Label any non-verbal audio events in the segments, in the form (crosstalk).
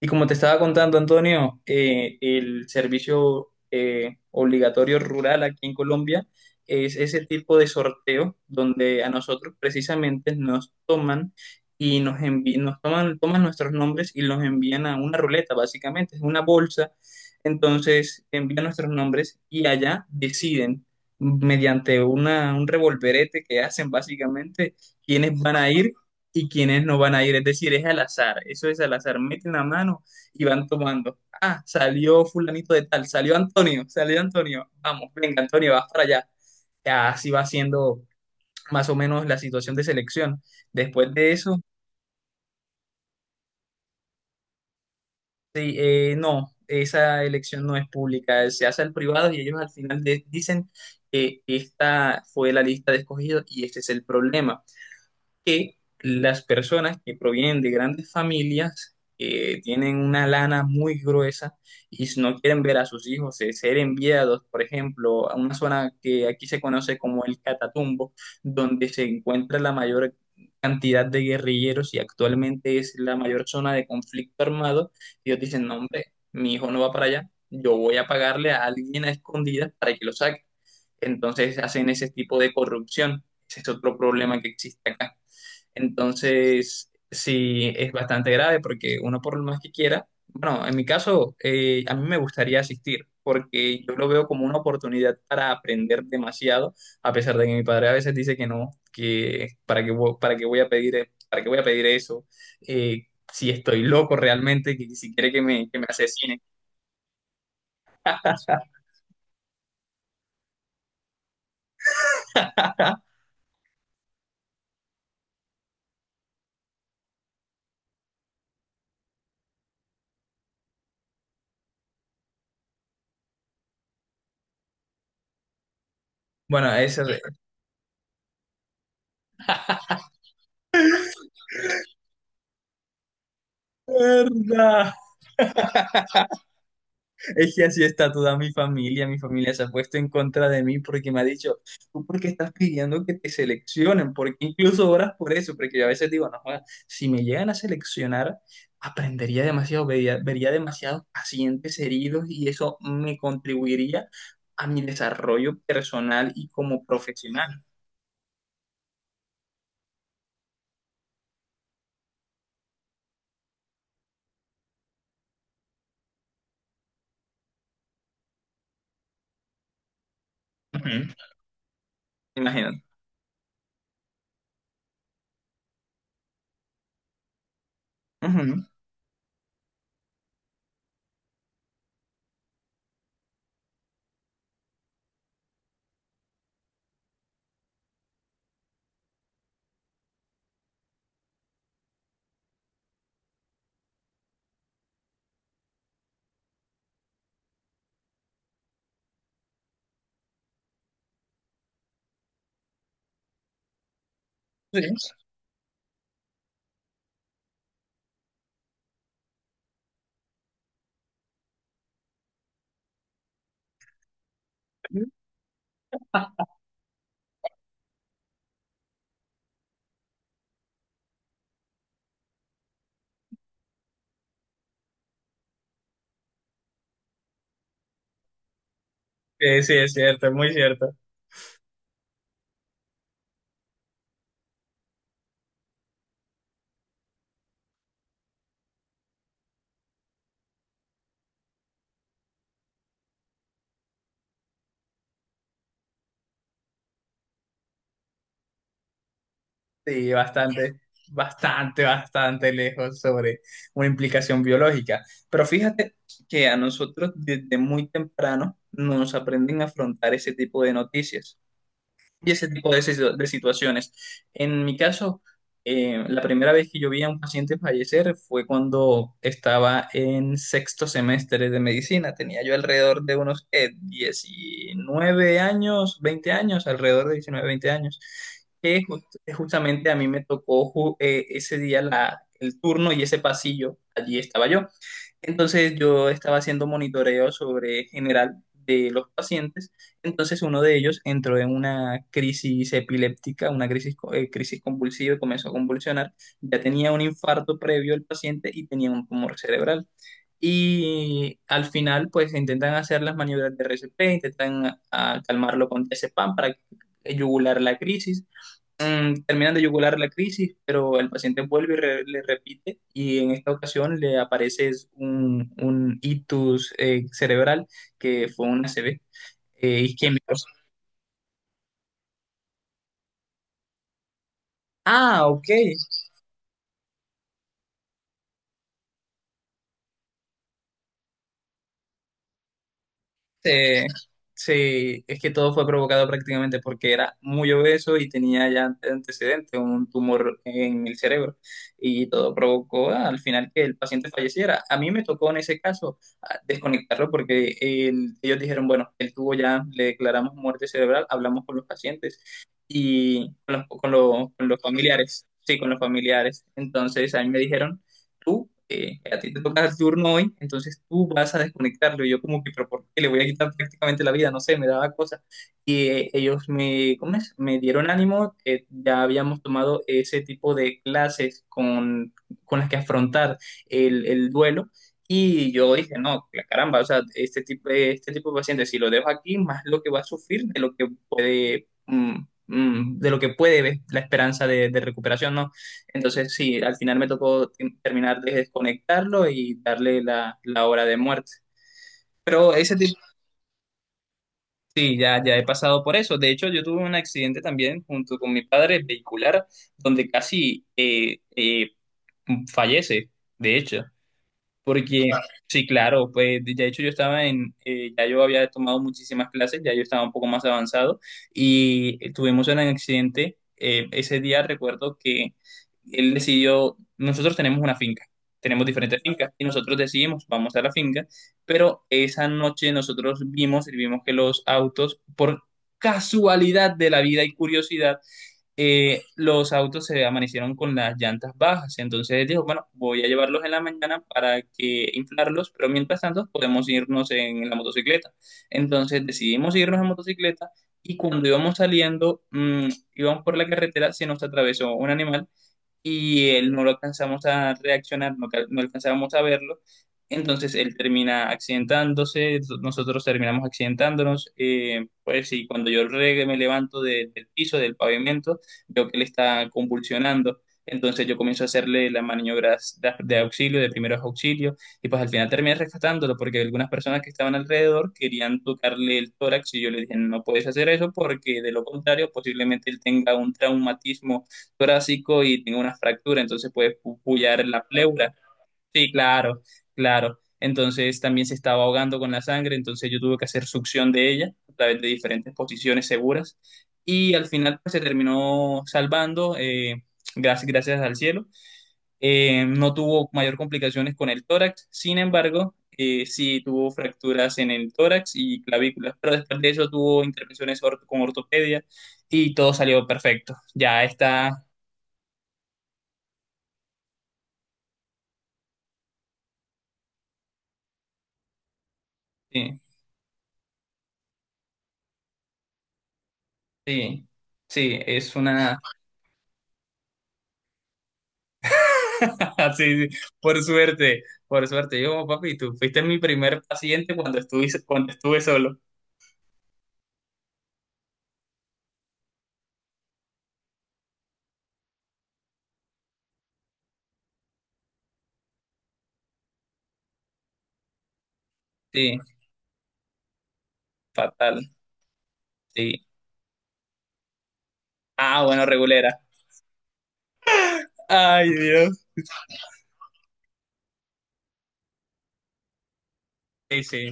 Y como te estaba contando, Antonio, el servicio obligatorio rural aquí en Colombia es ese tipo de sorteo donde a nosotros precisamente nos toman y nos toman, toman nuestros nombres y los envían a una ruleta, básicamente, es una bolsa. Entonces envían nuestros nombres y allá deciden mediante un revolverete que hacen básicamente quiénes van a ir y quienes no van a ir. Es decir, es al azar, eso es al azar. Meten la mano y van tomando. Ah, salió fulanito de tal, salió Antonio, salió Antonio. Vamos, venga, Antonio, vas para allá. Ya así va siendo más o menos la situación de selección. Después de eso, sí, no, esa elección no es pública, se hace al privado y ellos al final dicen que esta fue la lista de escogidos y este es el problema. Que las personas que provienen de grandes familias tienen una lana muy gruesa y si no quieren ver a sus hijos ser enviados, por ejemplo, a una zona que aquí se conoce como el Catatumbo, donde se encuentra la mayor cantidad de guerrilleros y actualmente es la mayor zona de conflicto armado, ellos dicen, no, hombre, mi hijo no va para allá, yo voy a pagarle a alguien a escondidas para que lo saque. Entonces hacen ese tipo de corrupción. Ese es otro problema que existe acá. Entonces, sí, es bastante grave porque uno por lo más que quiera, bueno, en mi caso, a mí me gustaría asistir porque yo lo veo como una oportunidad para aprender demasiado, a pesar de que mi padre a veces dice que no, que para qué, para qué voy a pedir, para qué voy a pedir eso, eh, si estoy loco realmente, que si quiere que que me asesine. (laughs) Bueno, eso es... Es que así está toda mi familia se ha puesto en contra de mí porque me ha dicho, ¿tú por qué estás pidiendo que te seleccionen? Porque incluso oras por eso, porque yo a veces digo, no, joda, si me llegan a seleccionar, aprendería demasiado, vería demasiados pacientes heridos y eso me contribuiría a mi desarrollo personal y como profesional. Ujú. Imagínate. Ujú. Sí, sí, sí, es cierto, es muy cierto. Sí, bastante, bastante lejos sobre una implicación biológica. Pero fíjate que a nosotros desde muy temprano nos aprenden a afrontar ese tipo de noticias y ese tipo de, de situaciones. En mi caso, la primera vez que yo vi a un paciente fallecer fue cuando estaba en sexto semestre de medicina. Tenía yo alrededor de unos 19 años, 20 años, alrededor de 19, 20 años. Que ju- justamente a mí me tocó ese día el turno y ese pasillo. Allí estaba yo. Entonces yo estaba haciendo monitoreo sobre general de los pacientes. Entonces uno de ellos entró en una crisis epiléptica, una crisis, crisis convulsiva y comenzó a convulsionar. Ya tenía un infarto previo el paciente y tenía un tumor cerebral. Y al final, pues intentan hacer las maniobras de RCP, intentan calmarlo con diazepam para yugular la crisis, Mm, terminan de yugular la crisis, pero el paciente vuelve y le repite y en esta ocasión le aparece es un ictus cerebral que fue una ACV isquémico. Ah, ok. Sí, sí, es que todo fue provocado prácticamente porque era muy obeso y tenía ya antecedentes, un tumor en el cerebro. Y todo provocó al final que el paciente falleciera. A mí me tocó en ese caso desconectarlo porque ellos dijeron, bueno, él tuvo ya, le declaramos muerte cerebral, hablamos con los pacientes y con con los familiares. Sí, con los familiares. Entonces, a mí me dijeron tú, a ti te toca el turno hoy, entonces tú vas a desconectarlo. Y yo como que, pero ¿por qué le voy a quitar prácticamente la vida? No sé, me daba cosas. Y ellos me, ¿cómo es? Me dieron ánimo, ya habíamos tomado ese tipo de clases con las que afrontar el duelo. Y yo dije, no, la caramba, o sea, este tipo de paciente, si lo dejo aquí, más lo que va a sufrir de lo que puede, de lo que puede ver la esperanza de recuperación, ¿no? Entonces, sí, al final me tocó terminar de desconectarlo y darle la hora de muerte. Pero ese tipo, sí, ya, ya he pasado por eso. De hecho, yo tuve un accidente también junto con mi padre vehicular, donde casi fallece, de hecho. Porque, sí, claro, pues de hecho yo estaba en, ya yo había tomado muchísimas clases, ya yo estaba un poco más avanzado y tuvimos un accidente. Ese día recuerdo que él decidió, nosotros tenemos una finca, tenemos diferentes fincas y nosotros decidimos, vamos a la finca, pero esa noche nosotros vimos y vimos que los autos, por casualidad de la vida y curiosidad, los autos se amanecieron con las llantas bajas. Entonces dijo, bueno, voy a llevarlos en la mañana para que inflarlos, pero mientras tanto podemos irnos en la motocicleta. Entonces decidimos irnos en motocicleta y cuando íbamos saliendo, íbamos por la carretera, se nos atravesó un animal y él no lo alcanzamos a reaccionar, no, no alcanzábamos a verlo. Entonces él termina accidentándose, nosotros terminamos accidentándonos. Pues y cuando yo me levanto del piso, del pavimento, veo que él está convulsionando. Entonces yo comienzo a hacerle las maniobras de auxilio, de primeros auxilios, y pues al final terminé rescatándolo porque algunas personas que estaban alrededor querían tocarle el tórax y yo le dije, no puedes hacer eso porque de lo contrario posiblemente él tenga un traumatismo torácico y tengo una fractura, entonces puede puyar la pleura. Sí, claro, claro. Entonces también se estaba ahogando con la sangre, entonces yo tuve que hacer succión de ella a través de diferentes posiciones seguras y al final pues, se terminó salvando, gracias, gracias al cielo. No tuvo mayor complicaciones con el tórax, sin embargo, sí tuvo fracturas en el tórax y clavículas, pero después de eso tuvo intervenciones con ortopedia y todo salió perfecto. Ya está. Sí, sí, sí, es una... (laughs) Sí, sí, por suerte, por suerte. Yo, como, papi, tú fuiste mi primer paciente cuando estuve solo. Sí, fatal, sí. Ah, bueno, regulera. Ay, Dios. Sí, sí.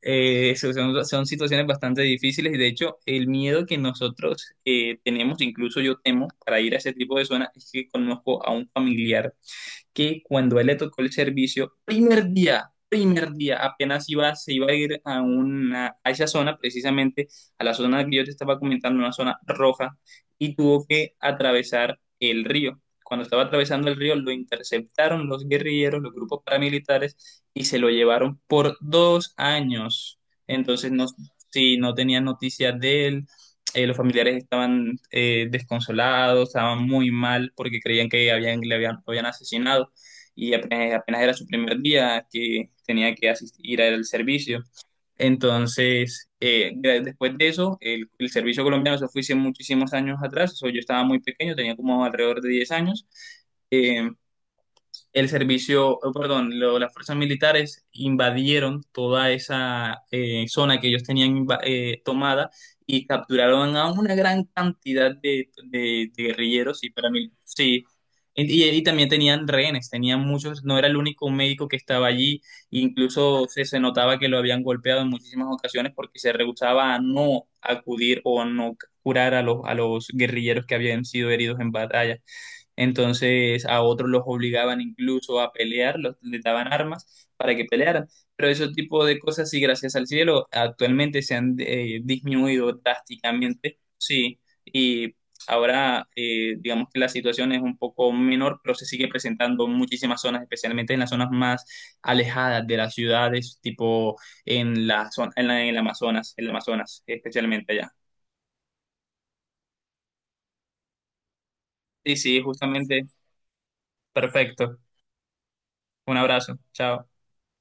Son, son situaciones bastante difíciles y de hecho el miedo que nosotros tenemos, incluso yo temo, para ir a ese tipo de zonas, es que conozco a un familiar que cuando a él le tocó el servicio, primer día, apenas iba, se iba a ir a, una, a esa zona, precisamente a la zona que yo te estaba comentando, una zona roja, y tuvo que atravesar el río. Cuando estaba atravesando el río, lo interceptaron los guerrilleros, los grupos paramilitares, y se lo llevaron por 2 años. Entonces, no, si no tenían noticias de él, los familiares estaban desconsolados, estaban muy mal porque creían que habían, lo habían asesinado y apenas, apenas era su primer día que tenía que asistir al servicio. Entonces, después de eso, el servicio colombiano se fue hace muchísimos años atrás, eso yo estaba muy pequeño, tenía como alrededor de 10 años. Eh, el servicio, oh, perdón, las fuerzas militares invadieron toda esa zona que ellos tenían tomada y capturaron a una gran cantidad de, de guerrilleros y paramil- Sí. Y también tenían rehenes, tenían muchos, no era el único médico que estaba allí, incluso se notaba que lo habían golpeado en muchísimas ocasiones porque se rehusaba a no acudir o a no curar a los guerrilleros que habían sido heridos en batalla. Entonces a otros los obligaban incluso a pelear, les daban armas para que pelearan. Pero ese tipo de cosas, sí, gracias al cielo, actualmente se han disminuido drásticamente, sí. Y ahora, digamos que la situación es un poco menor, pero se sigue presentando en muchísimas zonas, especialmente en las zonas más alejadas de las ciudades, tipo en la zona, en el Amazonas, especialmente allá. Sí, sí, justamente, perfecto. Un abrazo, chao.